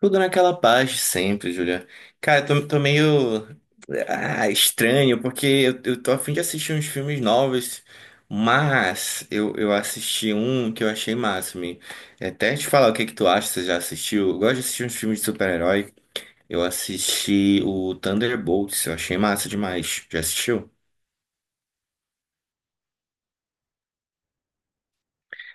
Tudo naquela paz de sempre, Julia. Cara, eu tô meio estranho, porque eu tô a fim de assistir uns filmes novos, mas eu assisti um que eu achei máximo. E até te falar o que que tu acha, você já assistiu? Eu gosto de assistir uns filmes de super-herói. Eu assisti o Thunderbolts, eu achei massa demais. Já assistiu?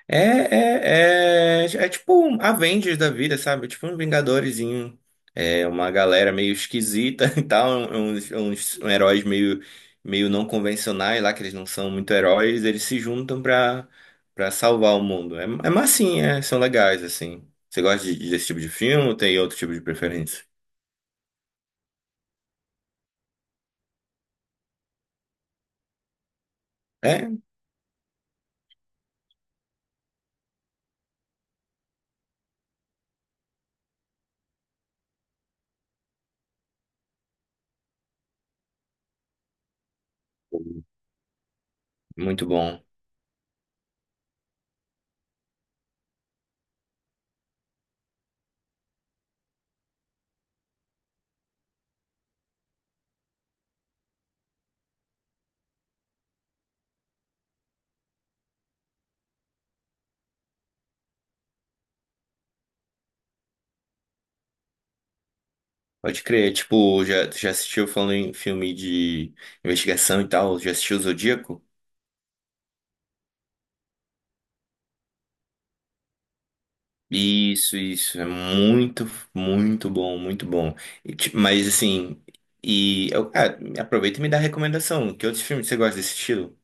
É tipo um Avengers da vida, sabe? É tipo um Vingadorezinho. É uma galera meio esquisita e tal, uns heróis meio não convencionais lá, que eles não são muito heróis, eles se juntam pra salvar o mundo. É massinha, é, são legais, assim. Você gosta desse tipo de filme ou tem outro tipo de preferência? É? Muito bom. Pode crer. Tipo, já assistiu falando em filme de investigação e tal? Já assistiu o Zodíaco? Isso, é muito, muito bom, muito bom. Mas assim, e eu, cara, aproveita e me dá recomendação. Que outros filmes você gosta desse estilo?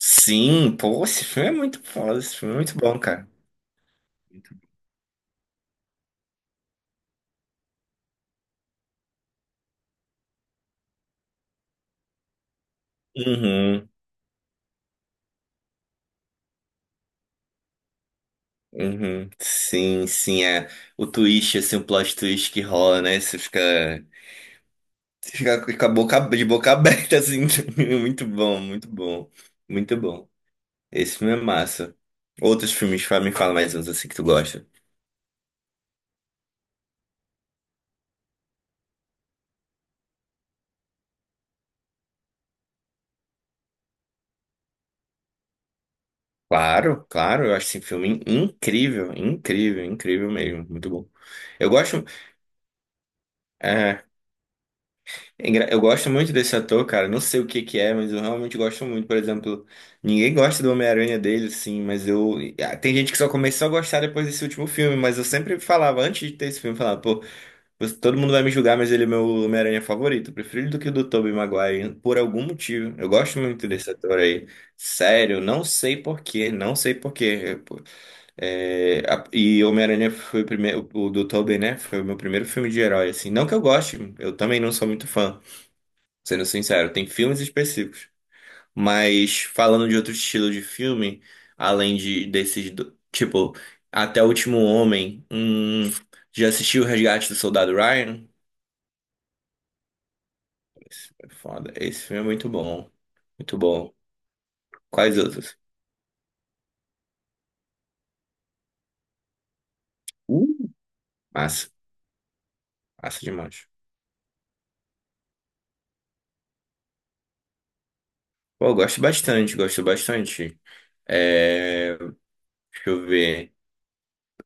Sim, pô, esse filme é muito foda, esse filme é muito bom, cara. Uhum, uhum. Sim, sim, é o twist, assim, o plot twist que rola, né? Você fica com a boca, de boca aberta, assim. Muito bom, muito bom, muito bom. Esse filme é massa. Outros filmes, me fala mais uns assim que tu gosta. Claro, claro, eu acho esse filme incrível, incrível, incrível mesmo, muito bom. Eu gosto, é, é engra- eu gosto muito desse ator, cara, não sei o que que é, mas eu realmente gosto muito, por exemplo, ninguém gosta do Homem-Aranha dele, sim, mas tem gente que só começou a gostar depois desse último filme, mas eu sempre falava, antes de ter esse filme, eu falava, pô, todo mundo vai me julgar, mas ele é meu Homem-Aranha favorito, eu prefiro ele do que o do Tobey Maguire, por algum motivo, eu gosto muito desse ator aí, sério, não sei por quê, não sei por quê. É, e Homem-Aranha foi o primeiro, o do Tobey, né? Foi o meu primeiro filme de herói, assim. Não que eu goste, eu também não sou muito fã, sendo sincero, tem filmes específicos. Mas falando de outro estilo de filme, além de desses, tipo, Até o Último Homem, já assistiu O Resgate do Soldado Ryan? Esse é foda. Esse filme é muito bom. Muito bom. Quais outros? Uh, Massa, massa demais. Pô, eu gosto bastante, gosto bastante. É, deixa eu ver.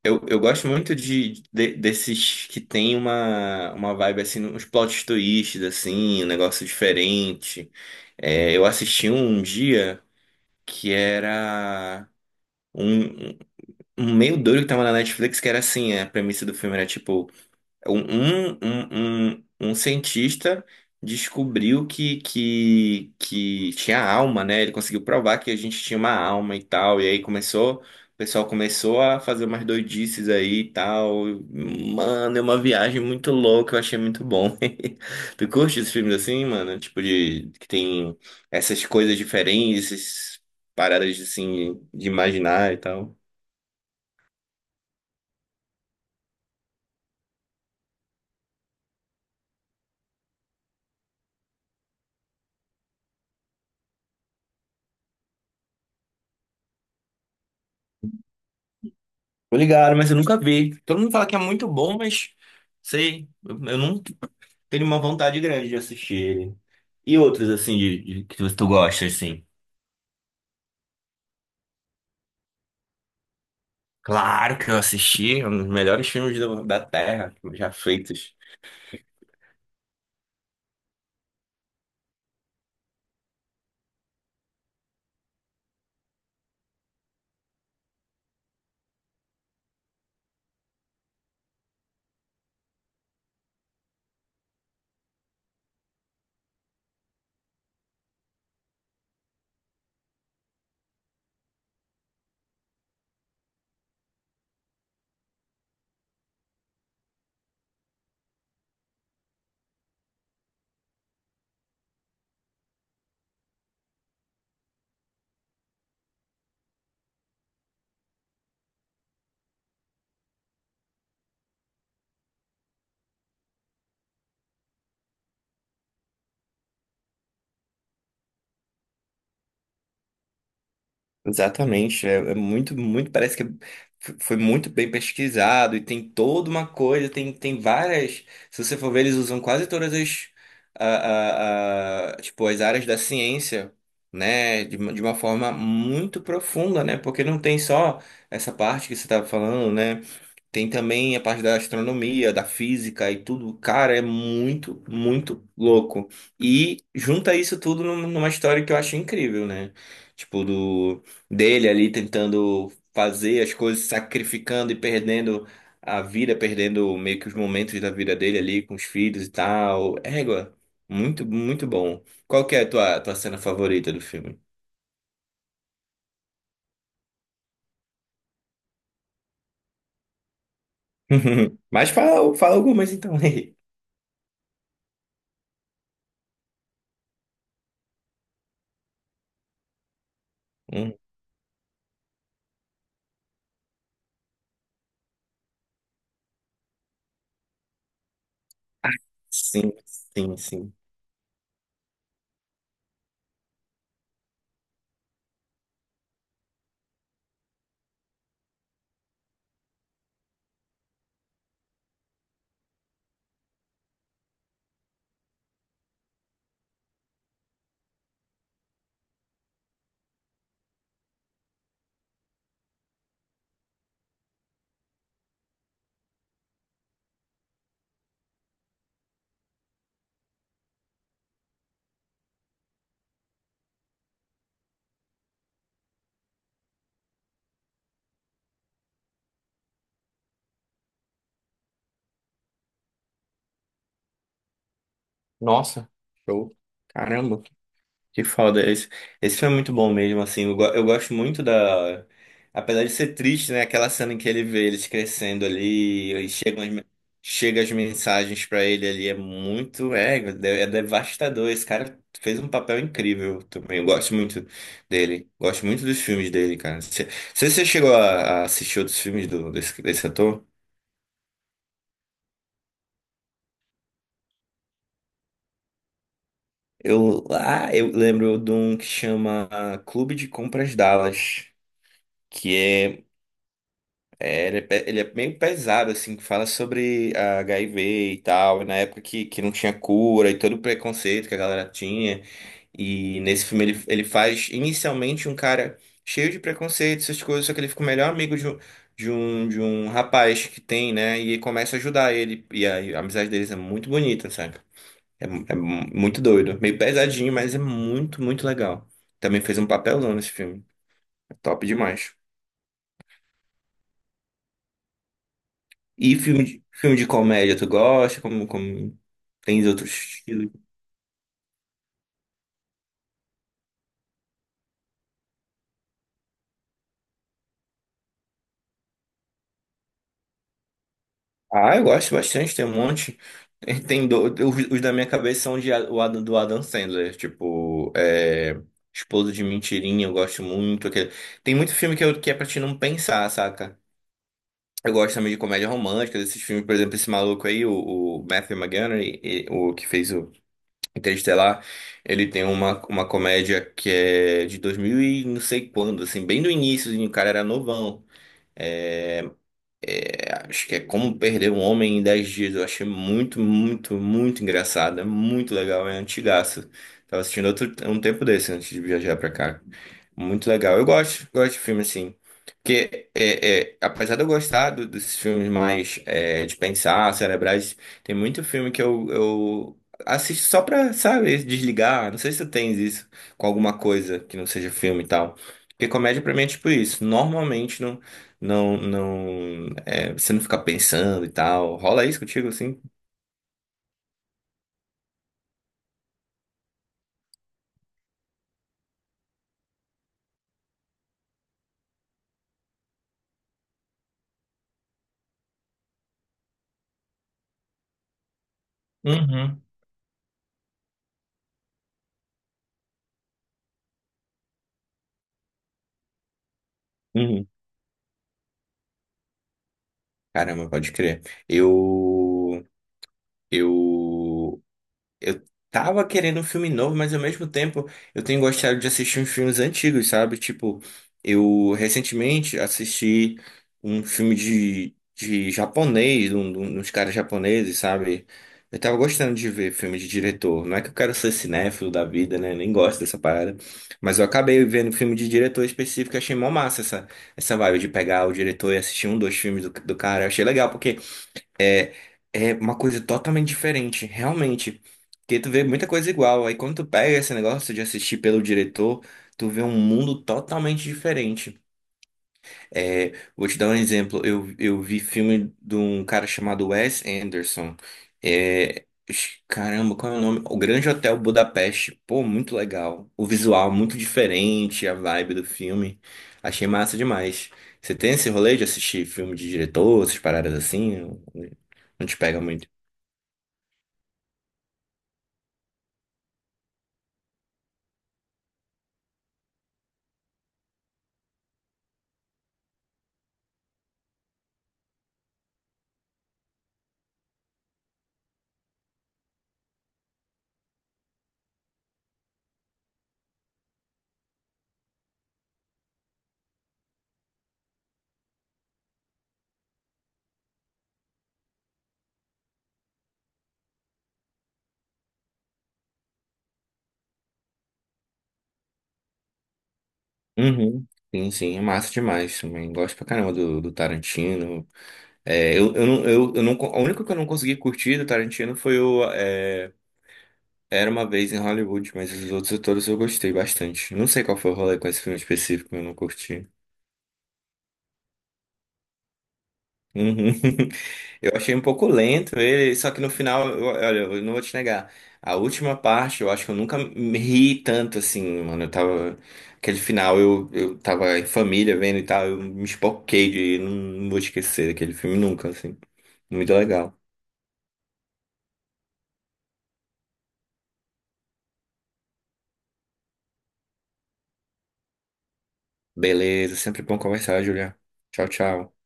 Eu gosto muito desses que tem uma, vibe assim, uns plot twists, assim, um negócio diferente. É, eu assisti um dia que era um, um um meio doido que tava na Netflix, que era assim, a premissa do filme era tipo. Um, um, um, um um cientista descobriu que tinha alma, né? Ele conseguiu provar que a gente tinha uma alma e tal. E aí começou, o pessoal começou a fazer umas doidices aí e tal. Mano, é uma viagem muito louca, eu achei muito bom. Tu curte esses filmes assim, mano? Tipo, de que tem essas coisas diferentes, essas paradas assim de imaginar e tal. Tô ligado, mas eu nunca vi. Todo mundo fala que é muito bom, mas sei, eu não tenho uma vontade grande de assistir ele. E outros, assim, que tu gosta, assim? Claro que eu assisti, é um dos melhores filmes da Terra, já feitos. Exatamente, é muito, muito, parece que foi muito bem pesquisado e tem toda uma coisa, tem várias, se você for ver, eles usam quase todas as, a- tipo, as áreas da ciência, né, de uma forma muito profunda, né, porque não tem só essa parte que você estava falando, né, tem também a parte da astronomia, da física e tudo. Cara, é muito, muito louco. E junta isso tudo numa história que eu acho incrível, né? Tipo, do dele ali tentando fazer as coisas, sacrificando e perdendo a vida, perdendo meio que os momentos da vida dele ali com os filhos e tal. Égua, muito, muito bom. Qual que é a tua cena favorita do filme? Mas fala, fala algumas então aí. Hum. Sim, sim, sim. Nossa, show. Caramba, que foda. Esse filme é muito bom mesmo, assim. Eu gosto muito da. Apesar de ser triste, né? Aquela cena em que ele vê eles crescendo ali e chega as mensagens pra ele ali. É muito. É devastador. Esse cara fez um papel incrível também. Eu gosto muito dele. Gosto muito dos filmes dele, cara. Você chegou a assistir outros filmes desse ator? Eu lembro de um que chama Clube de Compras Dallas. Que é, é, ele é, pe- ele é meio pesado, assim, que fala sobre a HIV e tal, e na época que não tinha cura e todo o preconceito que a galera tinha. E nesse filme ele faz inicialmente um cara cheio de preconceito, essas coisas, só que ele fica o melhor amigo de um rapaz que tem, né? E começa a ajudar ele. E a amizade deles é muito bonita, sabe? Muito doido. Meio pesadinho, mas é muito, muito legal. Também fez um papelão nesse filme. É top demais. E filme de comédia, tu gosta? Como, como. Tem outros estilos? Ah, eu gosto bastante, tem um monte. Tem os da minha cabeça são de, A- o Adam, do Adam Sandler, tipo, Esposo de Mentirinha, eu gosto muito. Tem muito filme que é pra te não pensar, saca? Eu gosto também de comédia romântica, desses filmes, por exemplo, esse maluco aí, o Matthew McConaughey, o que fez o Interestelar, ele tem uma, comédia que é de 2000 e não sei quando, assim, bem no início, e o cara era novão. É, acho que é Como Perder um Homem em Dez Dias. Eu achei muito, muito, muito engraçado. É muito legal, é antigaço. Tava assistindo outro, um tempo desse antes de viajar pra cá. Muito legal. Eu gosto de filme assim. Porque, apesar de eu gostar dos filmes mais de pensar, cerebrais, tem muito filme que eu assisto só pra, sabe, desligar. Não sei se tu tens isso com alguma coisa que não seja filme e tal. Porque comédia pra mim é tipo isso. Normalmente não, você não fica pensando e tal. Rola isso contigo assim? Uhum. Uhum. Caramba, pode crer. Eu, eu Eu tava querendo um filme novo, mas ao mesmo tempo eu tenho gostado de assistir uns filmes antigos, sabe? Tipo, eu recentemente assisti um filme de japonês, uns caras japoneses, sabe? Eu tava gostando de ver filme de diretor. Não é que eu quero ser cinéfilo da vida, né? Nem gosto dessa parada. Mas eu acabei vendo filme de diretor específico e achei mó massa essa vibe de pegar o diretor e assistir um, dois filmes do cara. Eu achei legal, porque é, é uma coisa totalmente diferente, realmente. Porque tu vê muita coisa igual. Aí quando tu pega esse negócio de assistir pelo diretor, tu vê um mundo totalmente diferente. É, vou te dar um exemplo. Eu vi filme de um cara chamado Wes Anderson. É, ixi, caramba, qual é o nome? O Grande Hotel Budapeste. Pô, muito legal. O visual muito diferente, a vibe do filme. Achei massa demais. Você tem esse rolê de assistir filme de diretor, essas paradas assim? Não te pega muito. Uhum. Sim, sim, é massa demais também. Gosto pra caramba do Tarantino. É, eu não, a única que eu não consegui curtir do Tarantino foi o Era uma vez em Hollywood, mas os outros todos eu gostei bastante. Não sei qual foi o rolê com esse filme específico, eu não curti. Uhum. Eu achei um pouco lento ele, só que no final, olha, eu não vou te negar. A última parte, eu acho que eu nunca me ri tanto assim, mano. Eu tava. Aquele final, eu tava em família vendo e tal, eu me espoquei de. Não vou esquecer daquele filme nunca, assim. Muito legal. Beleza, sempre bom conversar, Julia. Tchau, tchau.